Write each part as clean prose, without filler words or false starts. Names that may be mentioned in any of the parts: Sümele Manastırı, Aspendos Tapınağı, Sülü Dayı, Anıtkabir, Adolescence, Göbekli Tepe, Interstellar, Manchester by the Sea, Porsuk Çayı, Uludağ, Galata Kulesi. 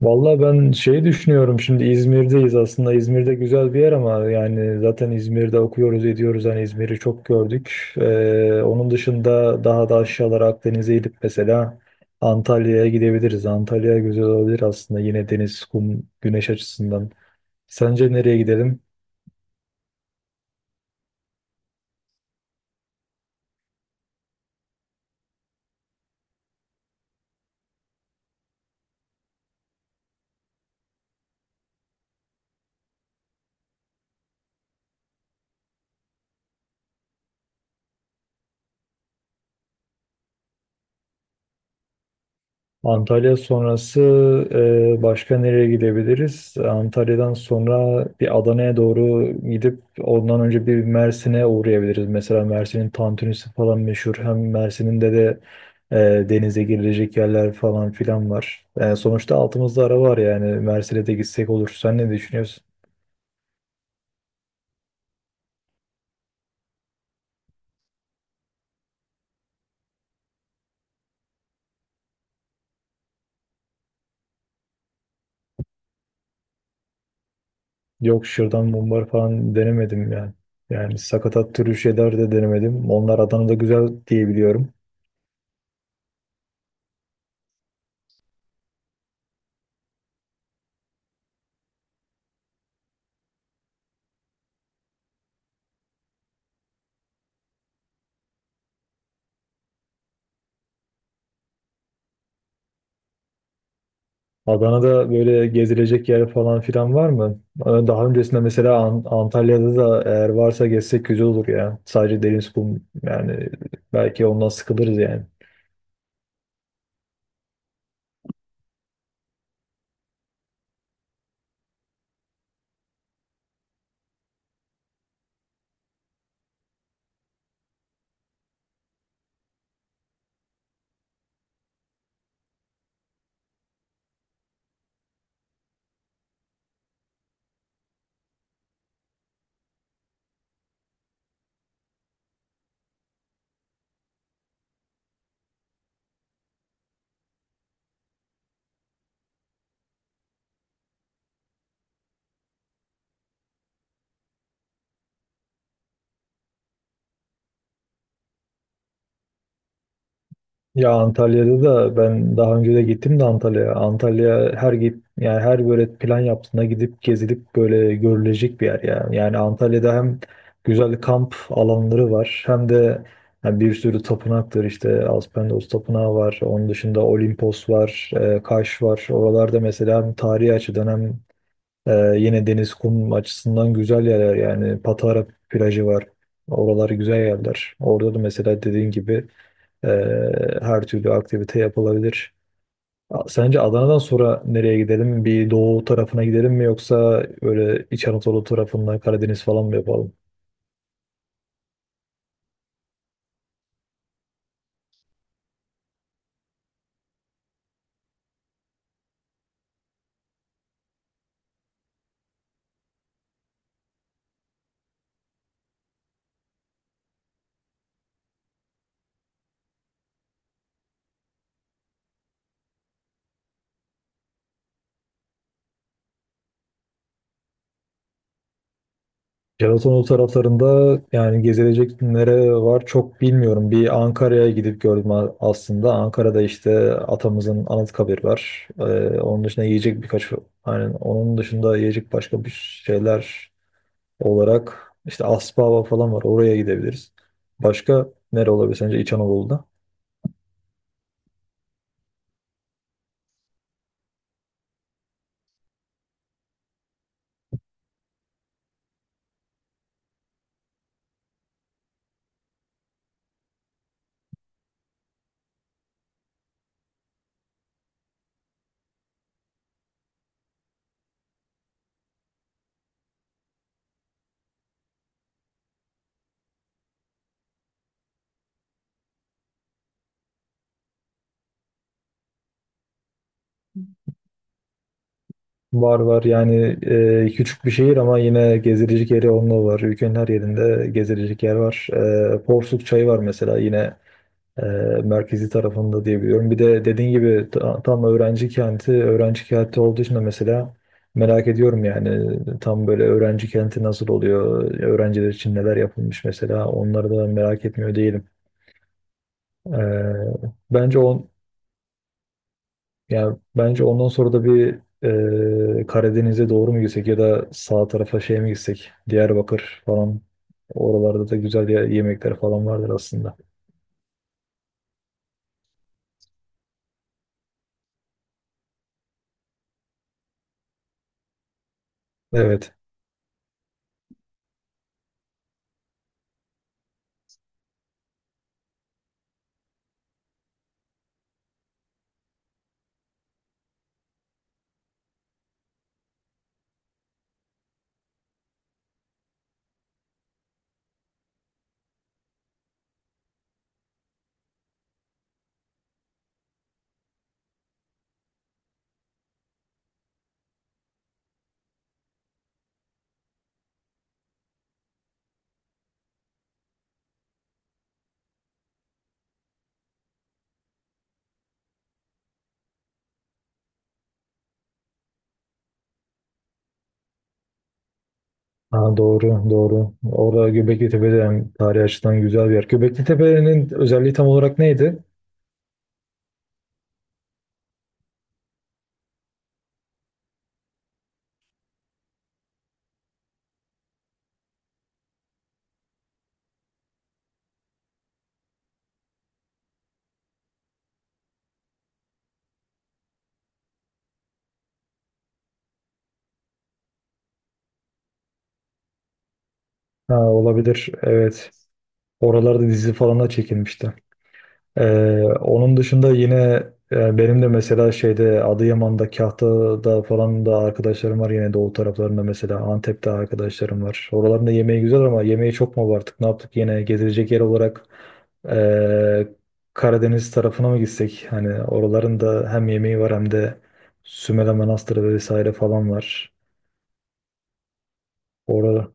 Valla ben şeyi düşünüyorum, şimdi İzmir'deyiz aslında. İzmir'de güzel bir yer ama yani zaten İzmir'de okuyoruz ediyoruz, hani İzmir'i çok gördük. Onun dışında daha da aşağılara Akdeniz'e inip mesela Antalya'ya gidebiliriz. Antalya güzel olabilir aslında, yine deniz, kum, güneş açısından. Sence nereye gidelim? Antalya sonrası başka nereye gidebiliriz? Antalya'dan sonra bir Adana'ya doğru gidip ondan önce bir Mersin'e uğrayabiliriz. Mesela Mersin'in tantunisi falan meşhur. Hem Mersin'in de denize girilecek yerler falan filan var. Sonuçta altımızda ara var, yani Mersin'e de gitsek olur. Sen ne düşünüyorsun? Yok, şırdan mumbar falan denemedim yani. Yani sakatat türü şeyler de denemedim. Onlar Adana'da güzel diyebiliyorum. Adana'da böyle gezilecek yer falan filan var mı? Daha öncesinde mesela Antalya'da da eğer varsa gezsek güzel olur ya. Sadece deniz, kum, yani belki ondan sıkılırız yani. Ya Antalya'da da ben daha önce de gittim de Antalya'ya. Antalya her git, yani her böyle plan yaptığında gidip gezilip böyle görülecek bir yer ya. Yani Antalya'da hem güzel kamp alanları var hem de yani bir sürü tapınaktır, işte Aspendos Tapınağı var. Onun dışında Olimpos var, Kaş var. Oralarda mesela hem tarihi açıdan hem yine deniz kum açısından güzel yerler, yani Patara plajı var. Oralar güzel yerler. Orada da mesela dediğin gibi e, her türlü aktivite yapılabilir. Sence Adana'dan sonra nereye gidelim? Bir doğu tarafına gidelim mi, yoksa böyle İç Anadolu tarafında Karadeniz falan mı yapalım? Gelatonoğlu taraflarında yani gezilecek nere var çok bilmiyorum. Bir Ankara'ya gidip gördüm aslında. Ankara'da işte atamızın Anıtkabir var. Onun dışında yiyecek birkaç, yani onun dışında yiyecek başka bir şeyler olarak işte Aspava falan var. Oraya gidebiliriz. Başka nere olabilir sence İç Anadolu'da? Var var yani, küçük bir şehir ama yine gezilecek yeri onunla var. Ülkenin her yerinde gezilecek yer var. Porsuk Çayı var mesela, yine e, merkezi tarafında diyebiliyorum. Bir de dediğin gibi tam öğrenci kenti, öğrenci kenti olduğu için de mesela merak ediyorum, yani tam böyle öğrenci kenti nasıl oluyor, öğrenciler için neler yapılmış, mesela onları da merak etmiyor değilim. E, bence on, Ya bence ondan sonra da bir Karadeniz'e doğru mu gitsek, ya da sağ tarafa şey mi gitsek? Diyarbakır falan. Oralarda da güzel yemekler falan vardır aslında. Evet. Ha, doğru doğru. Orada Göbekli Tepe de hem tarihi açıdan güzel bir yer. Göbekli Tepe'nin özelliği tam olarak neydi? Ha, olabilir. Evet. Oralarda dizi falan da çekilmişti. Onun dışında yine benim de mesela şeyde Adıyaman'da, Kahta'da falan da arkadaşlarım var, yine doğu taraflarında mesela Antep'te arkadaşlarım var. Oraların da yemeği güzel, ama yemeği çok mu abarttık? Ne yaptık yine gezilecek yer olarak? e, Karadeniz tarafına mı gitsek? Hani oraların da hem yemeği var hem de Sümele Manastırı vesaire falan var. Orada.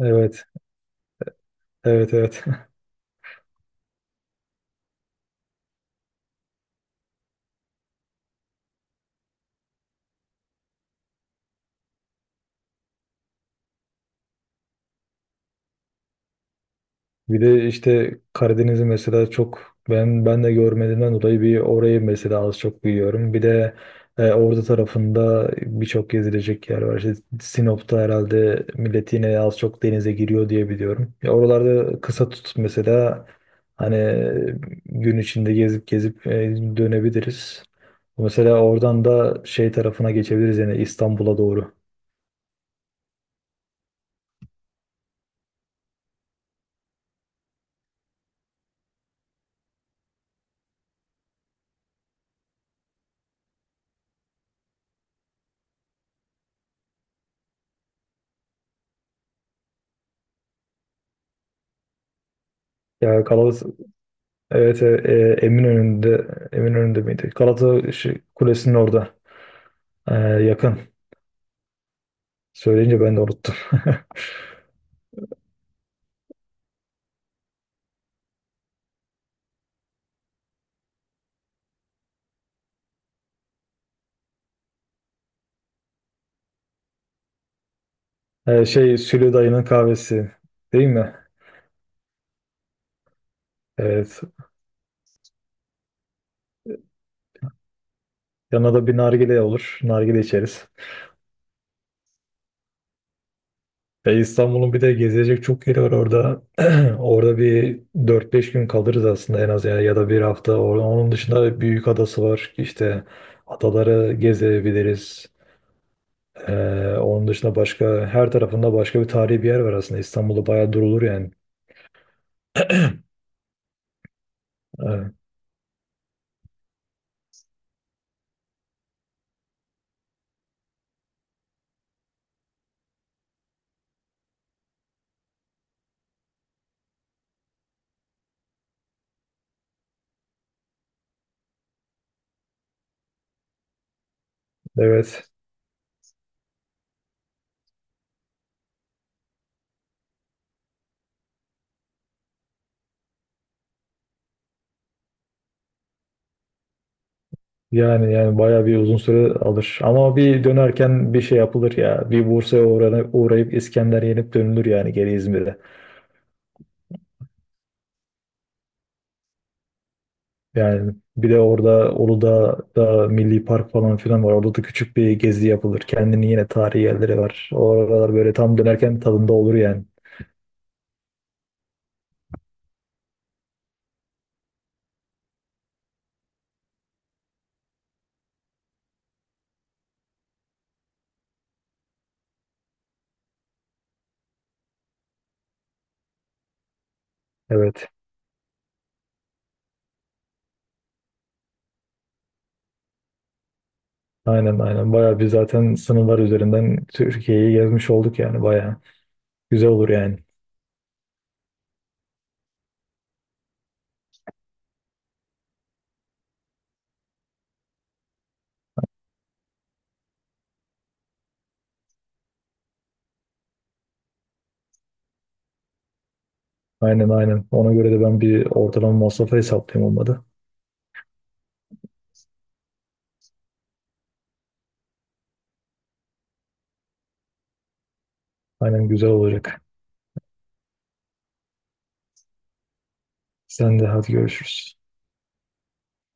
Evet. Evet, evet. Bir de işte Karadeniz'i mesela çok, ben de görmediğimden dolayı bir orayı mesela az çok biliyorum. Bir de Ordu tarafında birçok gezilecek yer var. İşte Sinop'ta herhalde millet yine az çok denize giriyor diye biliyorum. Ya oralarda kısa tut mesela, hani gün içinde gezip gezip dönebiliriz. Mesela oradan da şey tarafına geçebiliriz yani, İstanbul'a doğru. Ya, kalabalık. Evet. Eminönü'nde miydi? Galata şey, Kulesi'nin orada. Yakın. Söyleyince ben de unuttum. Şey, Sülü Dayı'nın kahvesi değil mi? Evet. Yanına da bir nargile olur. Nargile içeriz. İstanbul'un bir de gezilecek çok yeri var orada. Orada bir dört beş gün kalırız aslında en az, ya ya da bir hafta. Onun dışında büyük adası var. İşte adaları gezebiliriz. Onun dışında başka, her tarafında başka bir tarihi bir yer var aslında. İstanbul'da bayağı durulur yani. Evet. Evet. Yani bayağı bir uzun süre alır. Ama bir dönerken bir şey yapılır ya. Bir Bursa'ya uğrayıp İskender yenip dönülür yani geri İzmir'e. Yani bir de orada Uludağ'da Milli Park falan filan var. Orada da küçük bir gezi yapılır. Kendini yine tarihi yerleri var. Oralar böyle tam dönerken tadında olur yani. Evet. Aynen, aynen. Bayağı biz zaten sınırlar üzerinden Türkiye'yi gezmiş olduk yani, bayağı. Güzel olur yani. Aynen, aynen. Ona göre de ben bir ortalama masrafı hesaplayayım olmadı. Aynen, güzel olacak. Sen de hadi, görüşürüz.